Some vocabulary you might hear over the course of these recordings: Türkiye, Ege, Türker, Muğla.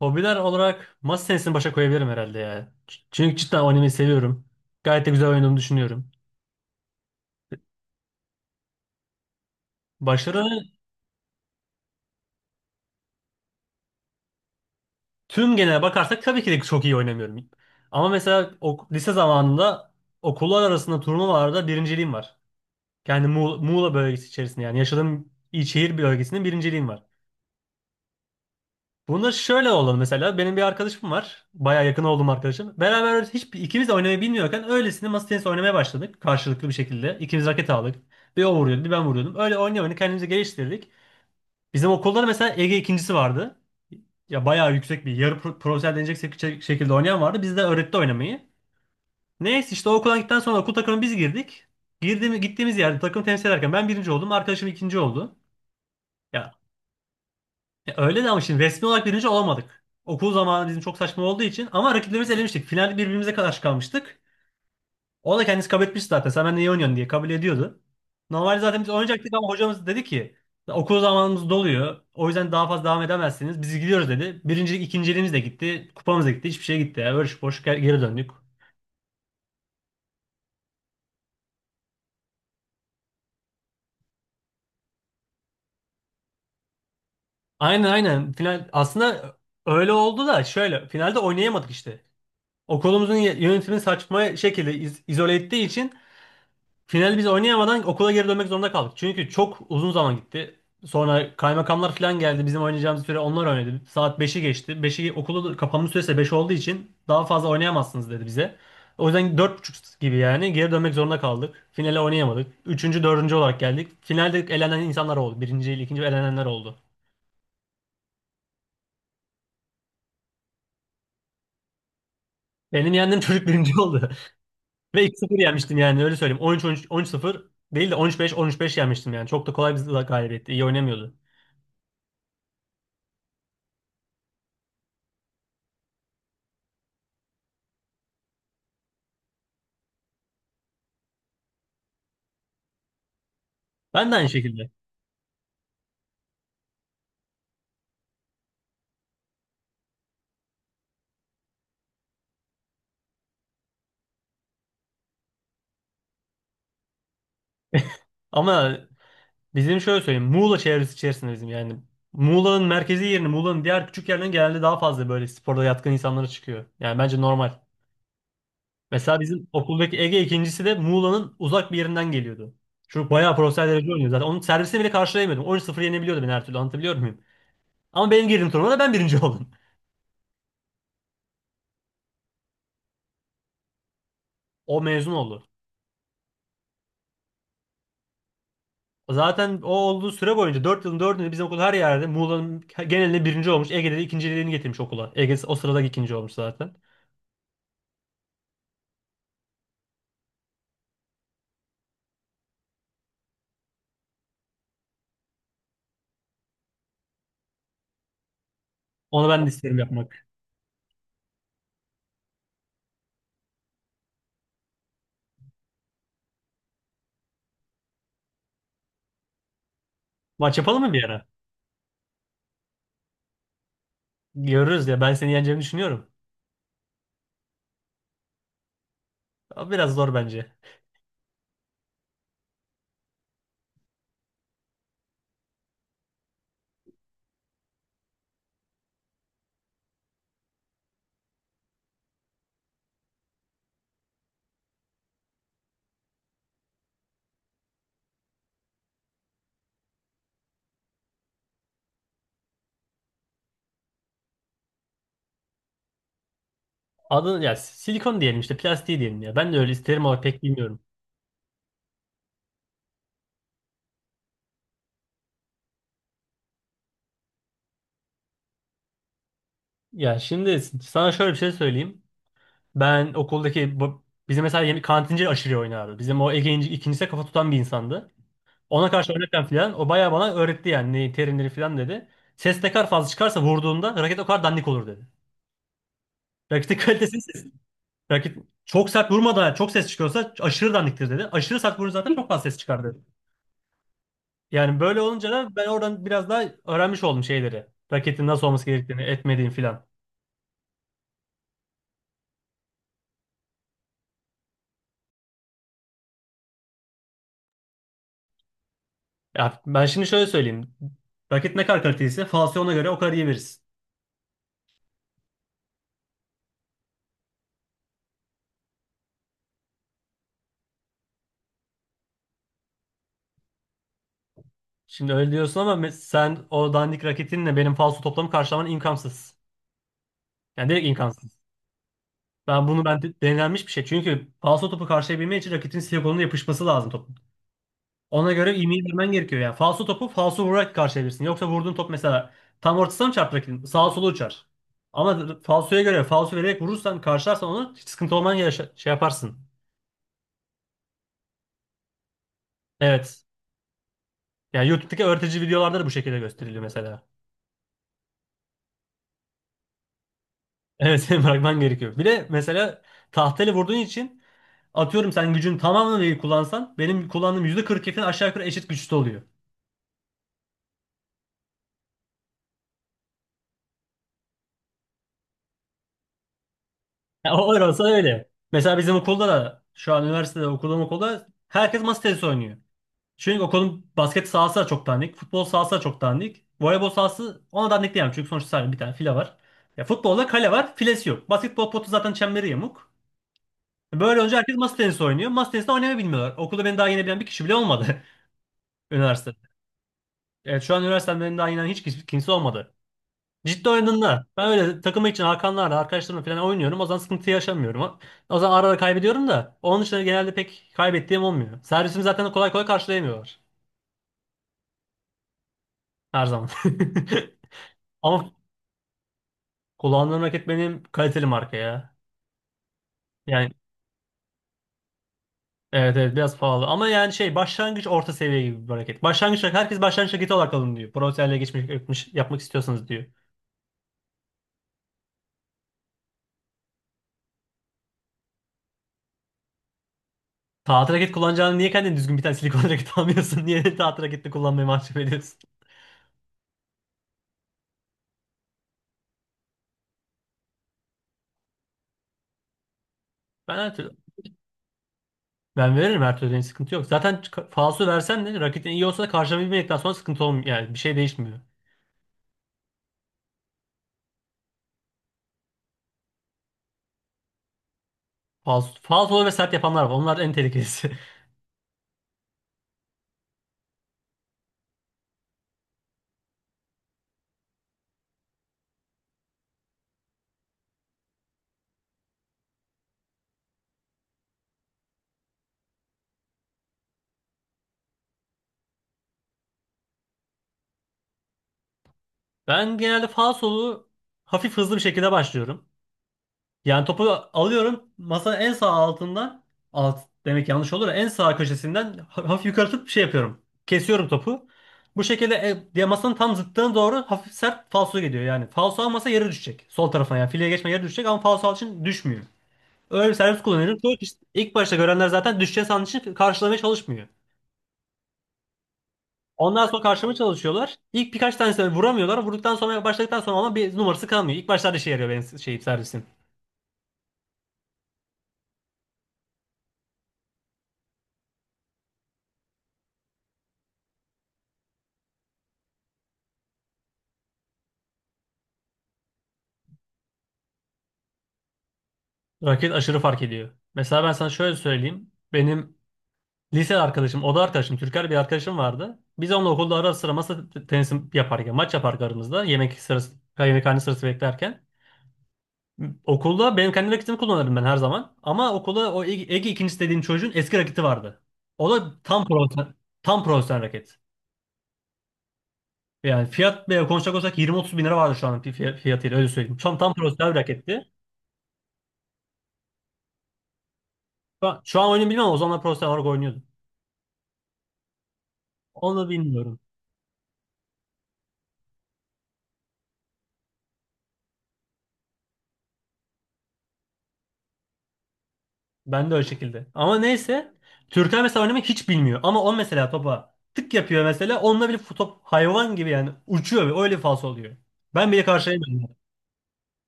Hobiler olarak masa tenisini başa koyabilirim herhalde ya. Çünkü cidden oynamayı seviyorum. Gayet de güzel oynadığımı düşünüyorum. Başarı tüm genel bakarsak tabii ki de çok iyi oynamıyorum. Ama mesela lise zamanında okullar arasında turnuvalarda birinciliğim var. Yani Muğla bölgesi içerisinde yani yaşadığım il şehir bölgesinin birinciliğim var. Bunu şöyle oldu mesela. Benim bir arkadaşım var. Baya yakın olduğum arkadaşım. Beraber hiç ikimiz de oynamayı bilmiyorken öylesine masa tenisi oynamaya başladık. Karşılıklı bir şekilde. İkimiz raket aldık. Bir o vuruyordu, bir ben vuruyordum. Öyle oynaya oynaya kendimizi geliştirdik. Bizim okulda da mesela Ege ikincisi vardı. Ya bayağı yüksek bir yarı profesyonel denecek şekilde oynayan vardı. Biz de öğretti oynamayı. Neyse işte o okula gittikten sonra okul takımına biz girdik. Girdiğimiz, gittiğimiz yerde takım temsil ederken ben birinci oldum. Arkadaşım ikinci oldu. Ya. Ya öyle de ama şimdi resmi olarak birinci olamadık. Okul zamanı bizim çok saçma olduğu için ama rakiplerimizi elemiştik. Finalde birbirimize karşı kalmıştık. O da kendisi kabul etmiş zaten. Sen benimle iyi oynuyorsun diye kabul ediyordu. Normalde zaten biz oynayacaktık ama hocamız dedi ki okul zamanımız doluyor. O yüzden daha fazla devam edemezsiniz. Biz gidiyoruz dedi. Birincilik, ikinciliğimiz de gitti. Kupamız da gitti. Hiçbir şey gitti. Yani boş boş geri döndük. Aynen, aynen. Final aslında öyle oldu da şöyle finalde oynayamadık işte. Okulumuzun yönetimi saçma şekilde izole ettiği için finali biz oynayamadan okula geri dönmek zorunda kaldık. Çünkü çok uzun zaman gitti. Sonra kaymakamlar falan geldi. Bizim oynayacağımız süre onlar oynadı. Saat beşi geçti. Beşi okulu kapanma süresi 5 olduğu için daha fazla oynayamazsınız dedi bize. O yüzden dört buçuk gibi yani geri dönmek zorunda kaldık. Finale oynayamadık. Üçüncü, dördüncü olarak geldik. Finalde elenen insanlar oldu. Birinci ile ikinci elenenler oldu. Benim yendiğim çocuk birinci oldu. Ve 2 sıfır yenmiştim yani öyle söyleyeyim. 13-13, 13-0 değil de 13-5, 13-5 yenmiştim yani. Çok da kolay bir galibiyetti. İyi oynamıyordu. Ben de aynı şekilde. Ama bizim şöyle söyleyeyim. Muğla çevresi içerisinde bizim yani. Muğla'nın merkezi yerine Muğla'nın diğer küçük yerlerinden genelde daha fazla böyle sporda yatkın insanlara çıkıyor. Yani bence normal. Mesela bizim okuldaki Ege ikincisi de Muğla'nın uzak bir yerinden geliyordu. Çocuk bayağı profesyonel derece oynuyor zaten. Onun servisini bile karşılayamadım. 13 sıfır yenebiliyordu beni her türlü, anlatabiliyor muyum? Ama benim girdiğim turnuvada ben birinci oldum. O mezun oldu. Zaten o olduğu süre boyunca 4 yılın 4'ünde bizim okul her yerde Muğla'nın genelinde birinci olmuş. Ege'de de ikinciliğini getirmiş okula. Ege o sırada ikinci olmuş zaten. Onu ben de isterim yapmak. Maç yapalım mı bir ara? Görürüz ya, ben seni yeneceğimi düşünüyorum. Ama biraz zor bence. Adını ya silikon diyelim işte plastiği diyelim ya. Ben de öyle isterim ama pek bilmiyorum. Ya şimdi sana şöyle bir şey söyleyeyim. Ben okuldaki bizim mesela yeni kantinci aşırı oynardı. Bizim o Ege ikincisine kafa tutan bir insandı. Ona karşı oynarken filan o bayağı bana öğretti yani ne terimleri filan dedi. Ses ne kadar fazla çıkarsa vurduğunda raket o kadar dandik olur dedi. Raketin kalitesi ses. Raket çok sert vurmadan çok ses çıkıyorsa aşırı dandiktir dedi. Aşırı sert vurunca zaten çok fazla ses çıkar dedi. Yani böyle olunca da ben oradan biraz daha öğrenmiş oldum şeyleri. Raketin nasıl olması gerektiğini, etmediğini filan. Ya ben şimdi şöyle söyleyeyim. Raket ne kadar kaliteliyse falso ona göre o kadar iyi veririz. Şimdi öyle diyorsun ama sen o dandik raketinle benim falso toplamı karşılaman imkansız. Yani direkt imkansız. Ben bunu ben denenmiş bir şey. Çünkü falso topu karşılayabilmek için raketin silikonuna yapışması lazım top. Ona göre ivmeyi vermen gerekiyor yani. Falso topu falso vurarak karşılayabilirsin. Yoksa vurduğun top mesela tam ortasına mı çarpacak? Sağa sola uçar. Ama falsoya göre falso vererek vurursan karşılarsan onu hiç sıkıntı olman ya şey yaparsın. Evet. Yani YouTube'daki öğretici videolarda da bu şekilde gösteriliyor mesela. Evet, senin bırakman gerekiyor. Bir de mesela tahtayla vurduğun için atıyorum sen gücün tamamını değil kullansan benim kullandığım %42'den aşağı yukarı eşit güçte oluyor. Ya, o öyle olsa öyle. Mesela bizim okulda da şu an üniversitede okuduğum okulda herkes masa tenisi oynuyor. Çünkü okulun basket sahası da çok dandik. Futbol sahası da çok dandik. Voleybol sahası ona dandik diyemem. Çünkü sonuçta sadece bir tane file var. Ya futbolda kale var, filesi yok. Basketbol potu zaten çemberi yamuk. Böyle önce herkes masa tenisi oynuyor. Masa tenisi de oynamayı bilmiyorlar. Okulda beni daha yenebilen bir kişi bile olmadı üniversitede. Evet, şu an üniversiteden beni daha yenen hiç kimse olmadı. Ciddi oynadığında ben öyle takımı için Hakanlarla, arkadaşlarımla falan oynuyorum. O zaman sıkıntı yaşamıyorum. O zaman ara ara kaybediyorum da onun dışında genelde pek kaybettiğim olmuyor. Servisimi zaten kolay kolay karşılayamıyorlar her zaman. Ama kullandığım raket benim kaliteli marka ya. Yani evet, evet, biraz pahalı. Ama yani şey başlangıç orta seviye gibi bir raket. Başlangıç raket herkes başlangıç raketi olarak alın diyor. Profesyonelle geçmek yapmak istiyorsanız diyor. Taht raket kullanacağını niye kendin düzgün bir tane silikon raket almıyorsun? Niye taht raketini kullanmayı mahcup ediyorsun? Ben her türlü, ben veririm her türlü yani sıkıntı yok. Zaten falso versen de raketin iyi olsa da karşılamayı sonra sıkıntı olmuyor. Yani bir şey değişmiyor. Falso, falsolu ve sert yapanlar var. Onlar en tehlikelisi. Ben genelde falsolu hafif hızlı bir şekilde başlıyorum. Yani topu alıyorum masanın en sağ altından, alt demek yanlış olur, en sağ köşesinden hafif yukarı tutup şey yapıyorum. Kesiyorum topu. Bu şekilde diye masanın tam zıttığına doğru hafif sert falso gidiyor yani. Falso almasa yere düşecek. Sol tarafına yani fileye geçme yere düşecek ama falso aldığı için düşmüyor. Öyle bir servis kullanıyorum. Çok işte ilk başta görenler zaten düşeceği sandığı için karşılamaya çalışmıyor. Ondan sonra karşılamaya çalışıyorlar. İlk birkaç tanesini vuramıyorlar. Vurduktan sonra başladıktan sonra ama bir numarası kalmıyor. İlk başlarda işe yarıyor benim şeyim servisim. Raket aşırı fark ediyor. Mesela ben sana şöyle söyleyeyim. Benim lise arkadaşım, oda arkadaşım, Türker bir arkadaşım vardı. Biz onunla okulda ara sıra masa tenisi yaparken, maç yaparken aramızda yemek sırası, yemekhane sırası beklerken. Okulda benim kendi raketimi kullanırdım ben her zaman. Ama okulda o Ege, Ege ikincisi dediğim çocuğun eski raketi vardı. O da tam profesyonel, tam profesyonel raket. Yani fiyat bile konuşacak olsak 20-30 bin lira vardı şu an fiyatıyla öyle söyleyeyim. Tam, tam profesyonel bir raketti. Şu an, şu an oyunu bilmiyorum, o zamanlar profesyonel olarak oynuyordu. Onu bilmiyorum. Ben de o şekilde. Ama neyse. Türkan mesela oynamayı hiç bilmiyor. Ama o mesela topa tık yapıyor mesela. Onunla bile top hayvan gibi yani uçuyor ve öyle falso oluyor. Ben bile karşılayamıyorum.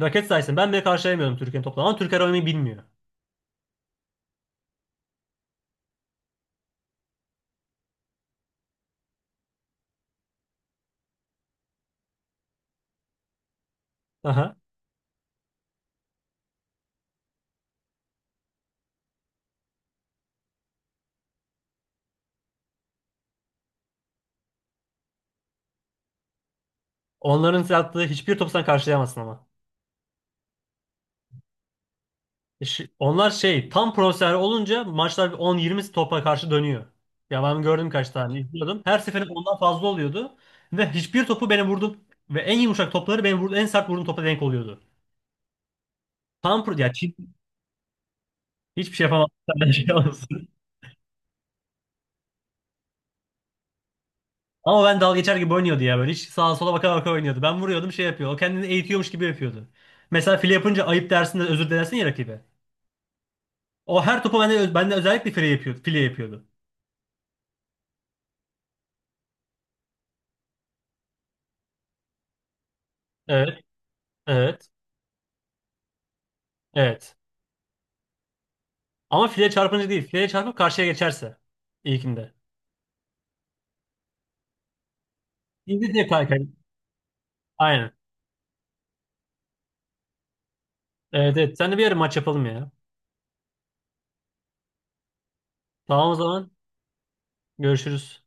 Raket sayesinde ben bile karşılayamıyorum Türkiye'nin topla. Ama Türkiye oynamayı bilmiyor. Aha. Onların size attığı hiçbir topu sen karşılayamazsın ama. Onlar şey tam profesyonel olunca maçlar bir 10-20 topa karşı dönüyor. Ya ben gördüm kaç tane izliyordum. Her seferinde ondan fazla oluyordu. Ve hiçbir topu beni vurdum. Ve en yumuşak topları benim vurdu, en sert vurduğum topa denk oluyordu. Tam pro ya, hiçbir şey yapamadım. Sen de şey olsun. Ama ben dalga geçer gibi oynuyordu ya böyle. Hiç sağa sola baka baka oynuyordu. Ben vuruyordum şey yapıyor. O kendini eğitiyormuş gibi yapıyordu. Mesela file yapınca ayıp dersin de özür dilersin ya rakibe. O her topu bende özellikle file yapıyordu. File yapıyordu. Evet, evet, evet. Ama file çarpınca değil. File çarpıp karşıya geçerse. İlkinde. İlkinde diye kaykay. Aynen. Evet, evet. Sen de bir ara maç yapalım ya. Tamam o zaman. Görüşürüz.